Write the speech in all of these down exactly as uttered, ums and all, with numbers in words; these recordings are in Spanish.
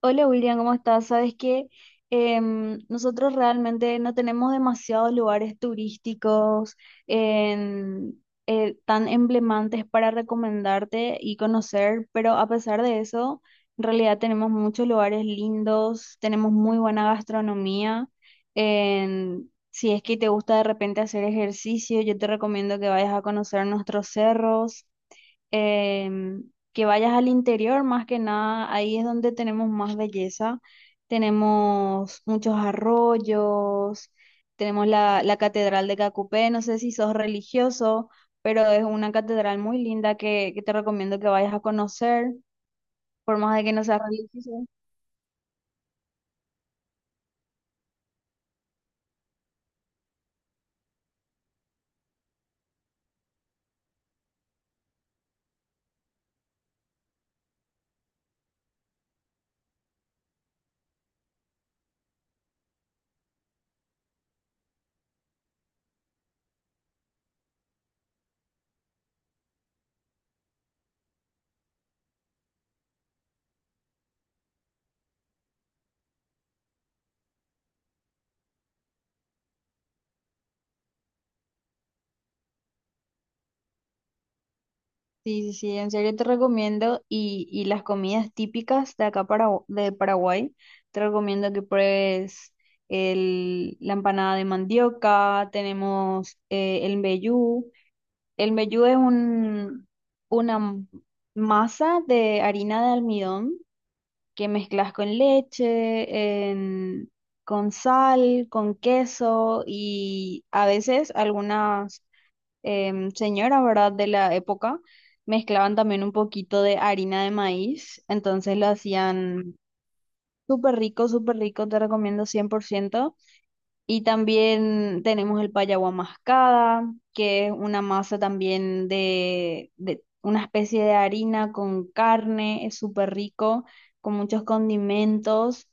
Hola William, ¿cómo estás? Sabes que em, nosotros realmente no tenemos demasiados lugares turísticos en- eh, tan emblemantes para recomendarte y conocer, pero a pesar de eso, en realidad tenemos muchos lugares lindos, tenemos muy buena gastronomía. En- si es que te gusta de repente hacer ejercicio, yo te recomiendo que vayas a conocer nuestros cerros, em, que vayas al interior, más que nada, ahí es donde tenemos más belleza. Tenemos muchos arroyos, tenemos la, la Catedral de Cacupé, no sé si sos religioso, pero es una catedral muy linda que, que te recomiendo que vayas a conocer, por más de que no seas religioso. Sí, sí, sí, en serio te recomiendo, y, y las comidas típicas de acá, para, de Paraguay, te recomiendo que pruebes el, la empanada de mandioca, tenemos eh, el mbejú. El mbejú es un, una m- masa de harina de almidón que mezclas con leche, en- con sal, con queso y a veces algunas em, señora, ¿verdad? De la época, mezclaban también un poquito de harina de maíz, entonces lo hacían súper rico, súper rico, te recomiendo cien por ciento. Y también tenemos el payaguá mascada, que es una masa también de, de una especie de harina con carne, es súper rico, con muchos condimentos.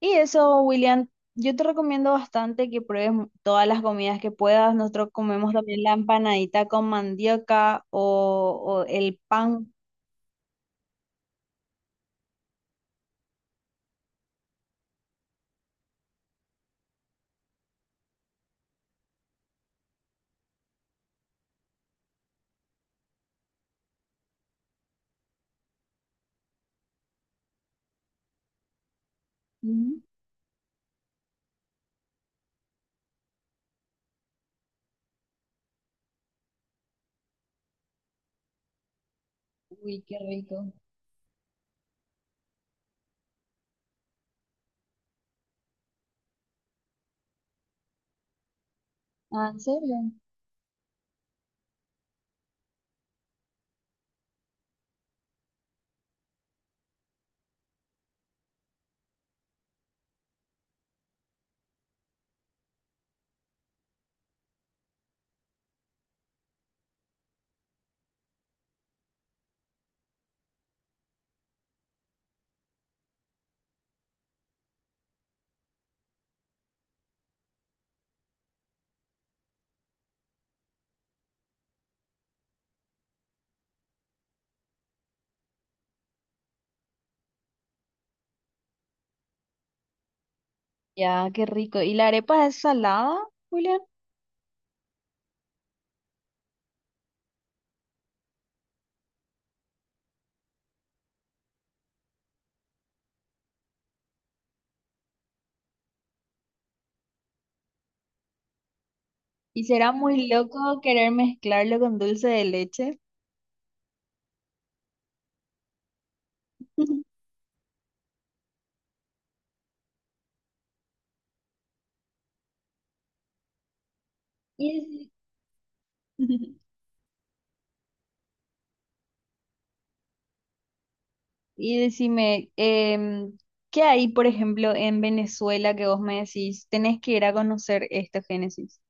Y eso, William, yo te recomiendo bastante que pruebes mu- todas las comidas que puedas. Nosotros comemos también la empanadita con mandioca o, o el pan. Ujú. Uy, qué rico. Ah, ¿en serio? Ya, qué rico. ¿Y la arepa es salada, William? ¿Y será muy loco querer mezclarlo con dulce de leche? Y deci- y decime, em, ¿qué hay, por ejemplo, en Venezuela que vos me decís, tenés que ir a conocer esto, Génesis?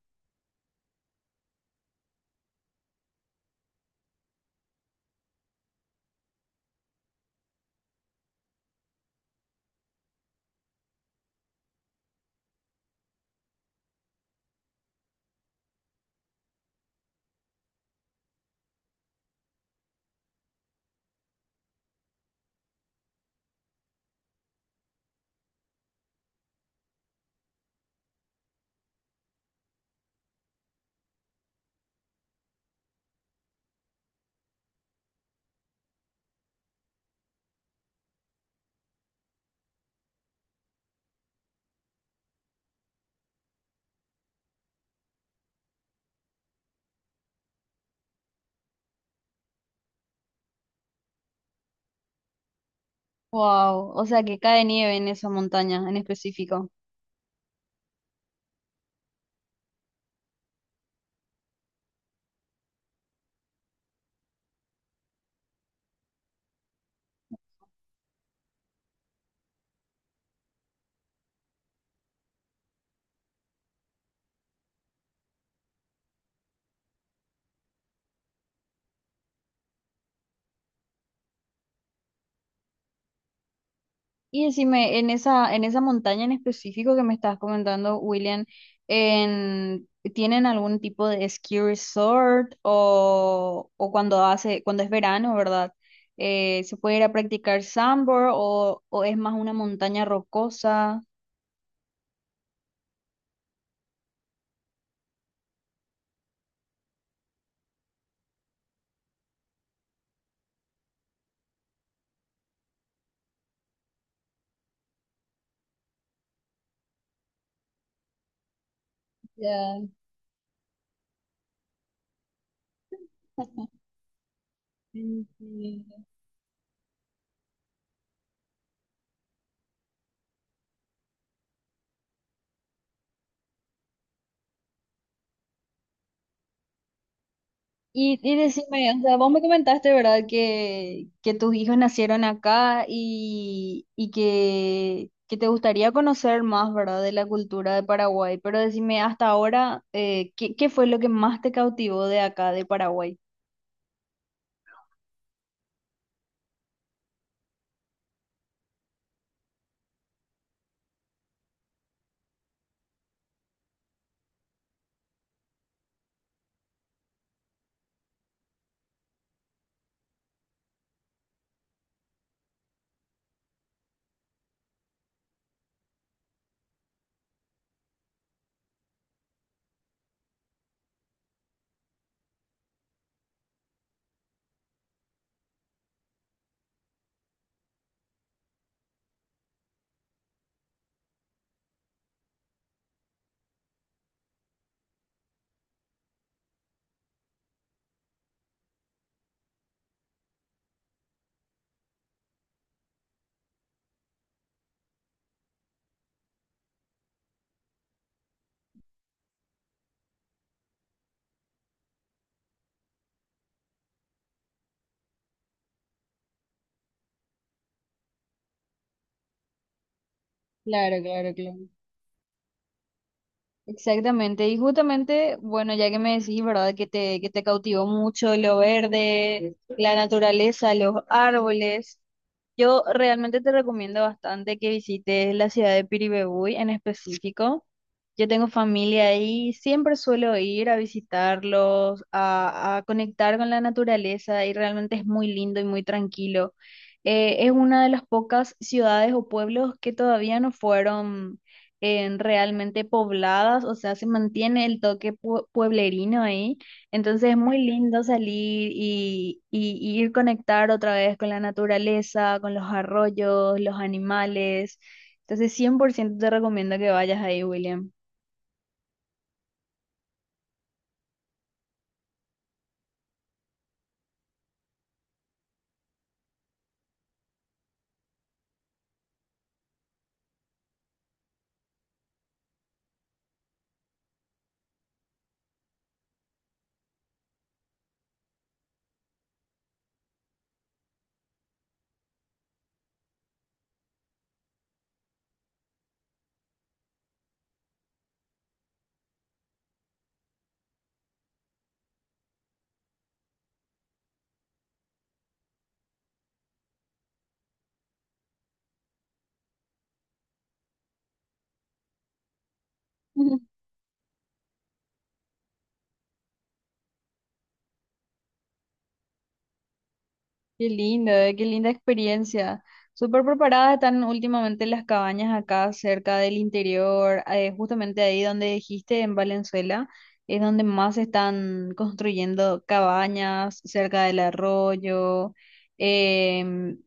Wow, o sea que cae nieve en esa montaña en específico. Y decime, en esa, en esa montaña en específico que me estás comentando, William, en, ¿tienen algún tipo de ski resort o, o cuando hace, cuando es verano, ¿verdad? Eh, ¿se puede ir a practicar sandboard o, o es más una montaña rocosa? Ya, sí, sí. Y, y decime, o sea, vos me comentaste, ¿verdad? Que, que tus hijos nacieron acá y, y que, que te gustaría conocer más, ¿verdad? De la cultura de Paraguay. Pero decime, hasta ahora, eh, ¿qué, qué fue lo que más te cautivó de acá, de Paraguay? Claro, claro, claro. Exactamente, y justamente, bueno, ya que me decís, ¿verdad? Que te, que te cautivó mucho lo verde, la naturaleza, los árboles. Yo realmente te recomiendo bastante que visites la ciudad de Piribebuy en específico. Yo tengo familia ahí, siempre suelo ir a visitarlos, a, a conectar con la naturaleza y realmente es muy lindo y muy tranquilo. Eh, es una de las pocas ciudades o pueblos que todavía no fueron en realmente pobladas, o sea, se mantiene el toque pue- pueblerino ahí. Entonces es muy lindo salir y, y- y ir conectar otra vez con la naturaleza, con los arroyos, los animales. Entonces cien por ciento te recomiendo que vayas ahí, William. Qué lindo, eh, qué linda experiencia. Súper preparadas están últimamente las cabañas acá cerca del interior, eh, justamente ahí donde dijiste, en Valenzuela, es donde más se están construyendo cabañas cerca del arroyo. em,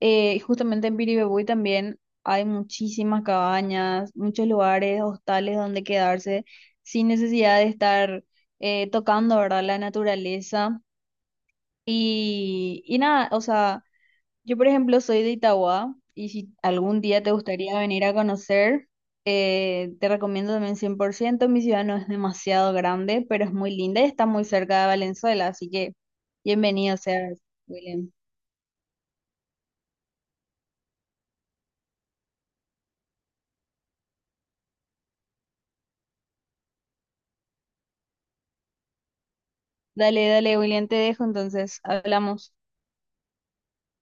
eh, Justamente en Piribebuy también hay muchísimas cabañas, muchos lugares, hostales donde quedarse sin necesidad de estar eh, tocando, ¿verdad? La naturaleza. Y, y nada, o sea... Yo, por ejemplo, soy de Itauguá y si algún día te gustaría venir a conocer, eh, te recomiendo también cien por ciento. Mi ciudad no es demasiado grande, pero es muy linda y está muy cerca de Valenzuela, así que bienvenido seas, William. Dale, dale, William, te dejo, entonces hablamos.